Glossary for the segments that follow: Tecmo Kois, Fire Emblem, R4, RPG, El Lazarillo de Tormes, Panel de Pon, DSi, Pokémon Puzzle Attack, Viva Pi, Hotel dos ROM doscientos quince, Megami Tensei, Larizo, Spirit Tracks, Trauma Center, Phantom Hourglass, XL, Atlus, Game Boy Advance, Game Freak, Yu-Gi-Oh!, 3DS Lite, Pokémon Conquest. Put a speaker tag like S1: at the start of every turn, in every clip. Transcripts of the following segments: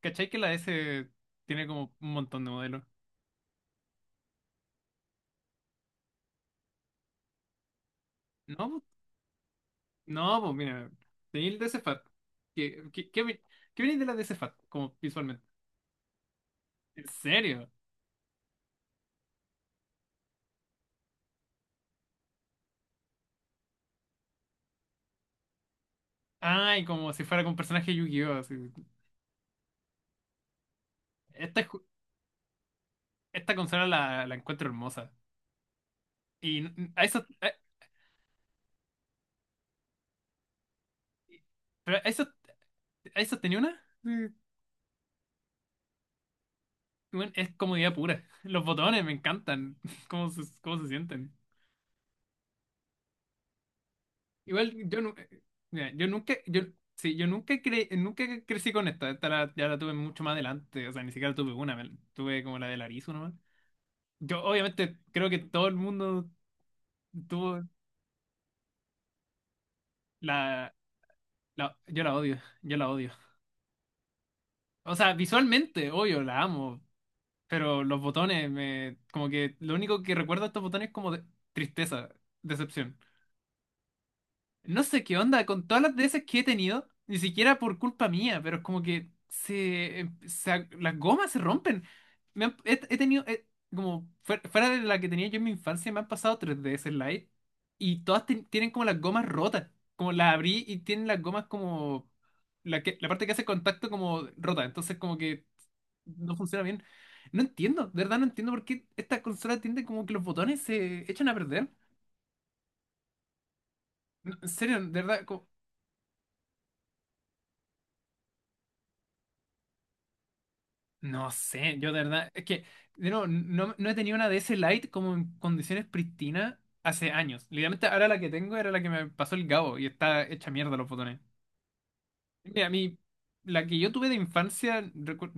S1: ¿Cachai que la S tiene como un montón de modelos? No, pues- no, pues mira, tenía el DC Fat. ¿Qué, qué, qué, vi- qué viene de la DC Fat? Como visualmente. ¿En serio? Ay, como si fuera con personaje de Yu-Gi-Oh! Así. Esta, ju- esta consola la encuentro hermosa. Y n- a eso, a- pero a eso, tenía una. Sí. Bueno, es comodidad pura. Los botones me encantan. ¿Cómo se sienten? Igual yo, nu- Mira, yo nunca, yo, sí, yo nunca, cre- nunca crecí con ya la tuve mucho más adelante. O sea, ni siquiera tuve una. Tuve como la de Larizo nomás. Yo obviamente creo que todo el mundo tuvo la, yo la odio, yo la odio. O sea, visualmente, obvio, la amo, pero los botones, como que lo único que recuerdo de estos botones es como tristeza, decepción. No sé qué onda, con todas las veces que he tenido, ni siquiera por culpa mía, pero es como que se, em, se ag- las gomas se rompen. He tenido, como fuera de la que tenía yo en mi infancia, me han pasado 3DS Lite y todas tienen como las gomas rotas. Como las abrí y tienen las gomas como la parte que hace contacto como rota, entonces como que no funciona bien. No entiendo, de verdad no entiendo por qué esta consola tiende como que los botones se echan a perder. No, en serio, de verdad, no sé, yo de verdad, es que de nuevo, no he tenido una D S Lite como en condiciones pristinas hace años. Literalmente ahora la que tengo era la que me pasó el Gabo y está hecha mierda los botones. Mira, a mí, la que yo tuve de infancia,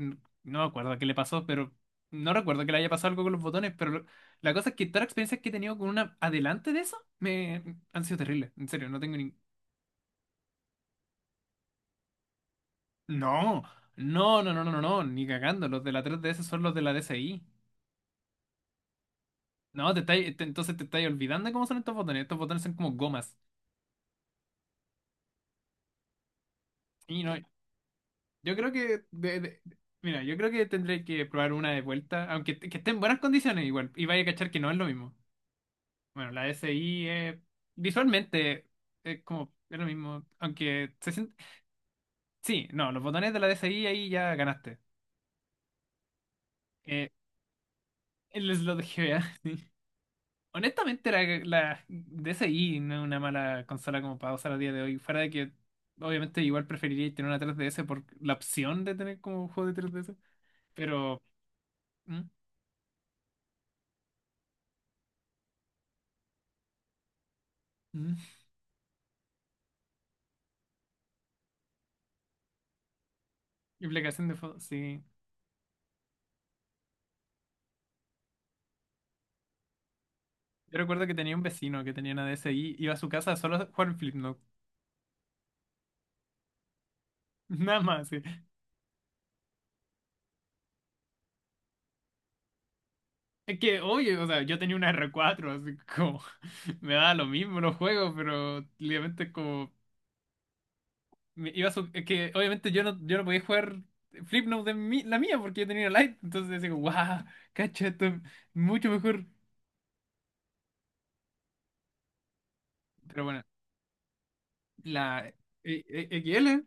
S1: no me acuerdo qué le pasó, pero no recuerdo que le haya pasado algo con los botones, pero la cosa es que todas las experiencias que he tenido con una adelante de eso me han sido terribles. En serio, no tengo ni... No, no, no, no, no, no, no, ni cagando. Los de la 3DS son los de la DSi. No, entonces te estáis olvidando de cómo son estos botones. Estos botones son como gomas. Y no, yo creo que mira, yo creo que tendré que probar una de vuelta, que esté en buenas condiciones igual, y vaya a cachar que no es lo mismo. Bueno, la SI visualmente es como es lo mismo, aunque se siente... Sí, no, los botones de la D S I ahí ya ganaste. Eh, el slot GBA. Honestamente, la DSi no es una mala consola como para usar a día de hoy. Fuera de que, obviamente, igual preferiría tener una 3DS por la opción de tener como juego de 3DS. Pero... Mm. Mm. Implicación de fondo, sí. Yo recuerdo que tenía un vecino que tenía una DSi, iba a su casa solo a jugar Flipnote. Nada más, sí. Es que, oye, o sea, yo tenía una R4, así como me da lo mismo los juegos, pero obviamente es como me iba a su- es que obviamente yo no podía jugar Flipnote la mía porque yo tenía Lite, entonces digo wow, cacha, esto es mucho mejor. Pero bueno, la XL,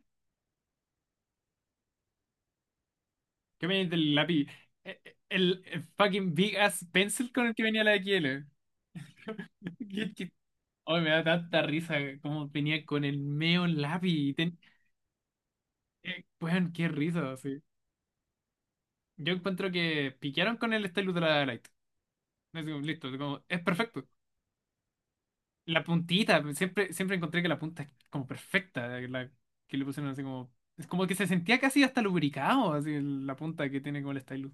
S1: que venía del lápiz, fucking big ass pencil con el que venía la XL. Que- que- Ay, me da tanta risa como venía con el meo lápiz. Weón, qué risa, sí. Yo encuentro que piquearon con el stylus de la light. Es como, listo, es perfecto. La puntita, pues, siempre encontré que la punta es como perfecta, que le pusieron así como... Es como que se sentía casi hasta lubricado, la punta que tiene con el stylus.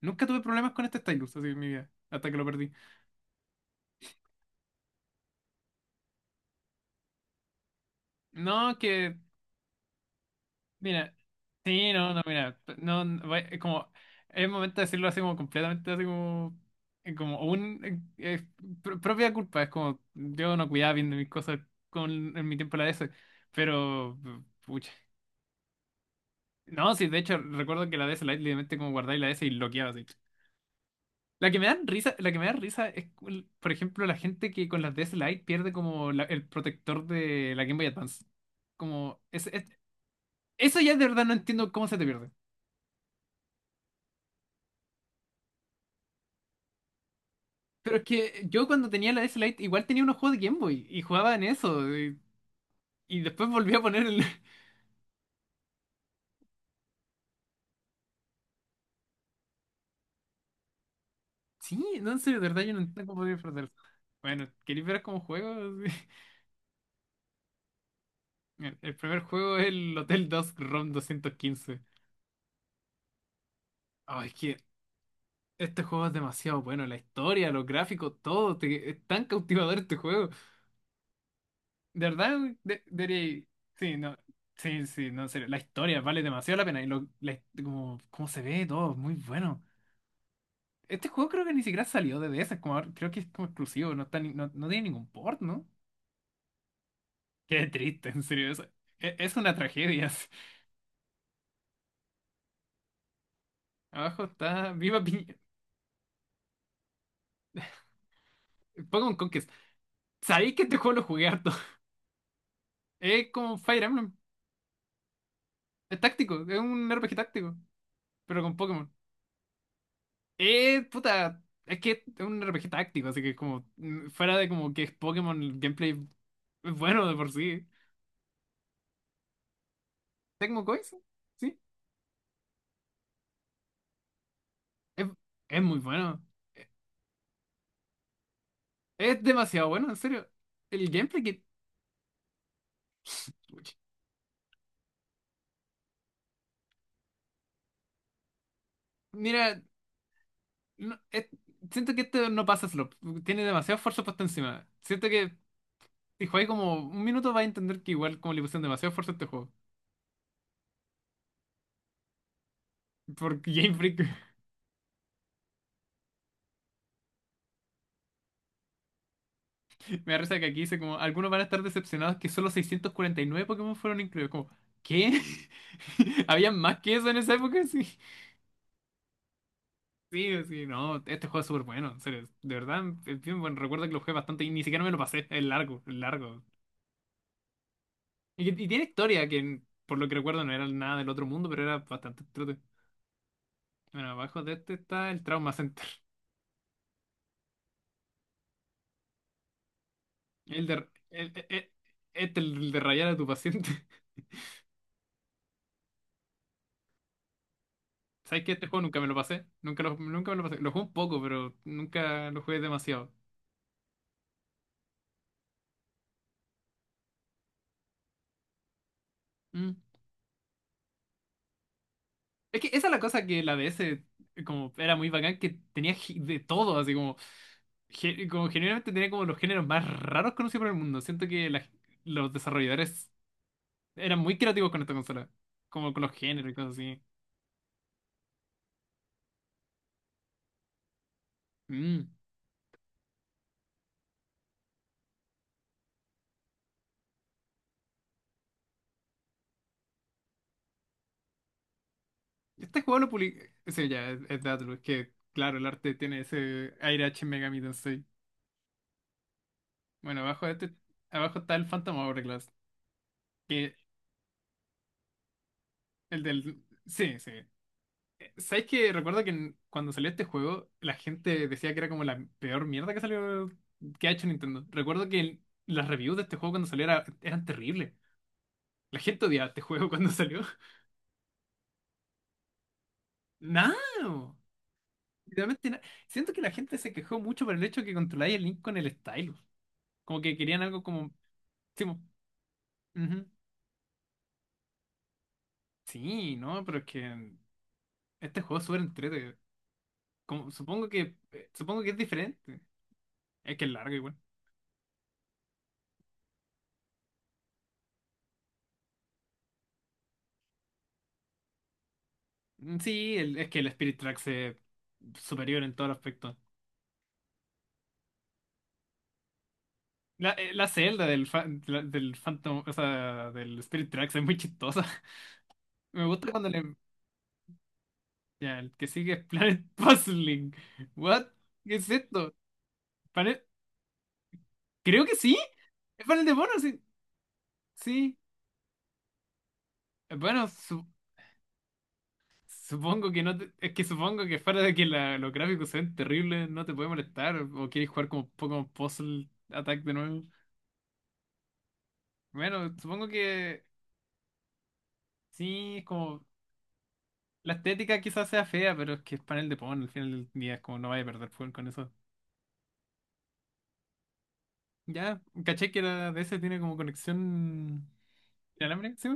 S1: Nunca tuve problemas con este stylus, así en mi vida, hasta que lo perdí. No, que... Mira, sí, no, no, mira, no, no, va- es como... Es momento de decirlo así como completamente, así como... Como un... propia culpa, es como... Yo no cuidaba bien de mis cosas en mi tiempo en la DS, pero... Pucha. No, sí, de hecho, recuerdo que la DS Lite literalmente como guardáis la DS y bloqueaba así. La que me dan risa, la que me da risa es, por ejemplo, la gente que con las DS Lite pierde como el protector de la Game Boy Advance. Como, es, es- Eso ya de verdad no entiendo cómo se te pierde. Pero es que yo cuando tenía la DS Lite igual tenía unos juegos de Game Boy y jugaba en eso. Y después volví a poner el... Sí, no, en serio, de verdad yo no entiendo cómo podía perder. Bueno, ¿queréis ver como juego? El primer juego es el Hotel dos ROM 215. Ay, es que este juego es demasiado bueno, la historia, los gráficos, todo, es tan cautivador este juego. De verdad, de, debería- sí, no, sí, no, en serio, la historia vale demasiado la pena y como, cómo se ve todo, es muy bueno. Este juego creo que ni siquiera salió de DS, como, creo que es como exclusivo, no, está ni- no, no tiene ningún port, ¿no? Qué triste, en serio, es una tragedia. Abajo está Pokémon Conquest. Sabéis que este juego lo jugué harto. Es como Fire Emblem, es táctico, es un RPG táctico, pero con Pokémon. Puta, es que es un RPG táctico, así que es como, mm, fuera de como que es Pokémon, el gameplay es bueno de por sí. Tecmo Kois, sí, sí, es, es muy bueno. Es demasiado bueno, en serio. El gameplay que... uch, Mira, no- es- siento que este no pasa slop, tiene demasiado esfuerzo puesto encima. Siento que si juegas como un minuto vas a entender que igual como le pusieron demasiado esfuerzo a este juego. Por Game Freak. Me da risa que aquí dice como, algunos van a estar decepcionados que solo 649 Pokémon fueron incluidos. Como, ¿qué? ¿Habían más que eso en esa época? Sí, sí, no, este juego es súper bueno, en serio, de verdad, es bien bueno, recuerdo que lo jugué bastante y ni siquiera me lo pasé, es largo, es largo. Y tiene historia que, por lo que recuerdo, no era nada del otro mundo, pero era bastante trote. Bueno, abajo de este está el Trauma Center, el de, el- este, el de rayar a tu paciente. ¿Sabes que este juego nunca me lo pasé? Nunca me lo pasé. Lo jugué un poco, pero nunca lo jugué demasiado. Mm. Es que esa es la cosa que la DS como era muy bacán, que tenía de todo, así como, como generalmente tenía como los géneros más raros conocidos por el mundo. Siento que los desarrolladores eran muy creativos con esta consola, como con los géneros y cosas así. Mm. Este juego lo publicó... Sí, ya, es de Atlus, que claro, el arte tiene ese aire H Megami Tensei. Bueno, abajo de este, abajo está el Phantom Hourglass. Que el del... Sí, sí. ¿Sabes que recuerdo que cuando salió este juego, la gente decía que era como la peor mierda que salió, que ha hecho Nintendo? Recuerdo que las reviews de este juego cuando salió eran terribles. La gente odiaba este juego cuando salió. No, literalmente nada. Siento que la gente se quejó mucho por el hecho que controláis el Link con el stylus. Como que querían algo como... Sí, ujú. Sí, no, pero es que este juego es súper entretenido. Supongo que, supongo que es diferente. Es que es largo igual. Mm. Sí, es que el Spirit Tracks es superior en todos los aspectos. La, la celda del, fa- la- del Phantom, o sea, del Spirit Tracks es muy chistosa. Me gusta cuando le... Ya, el que sigue es Planet Puzzling. What? ¿Qué es esto? ¿Panel? Creo que sí. Es panel de bonos, sí. Sí. Bueno, supongo que no te- es que supongo que fuera de que los gráficos sean terribles, no te puede molestar. O quieres jugar como Pokémon Puzzle Attack de nuevo. Bueno, supongo que... Sí, es como. La estética quizás sea fea, pero es que es panel de Pon, al final del día es como no vaya a perder fuego con eso. Ya, caché que la DS tiene como conexión inalámbrica, ¿sí?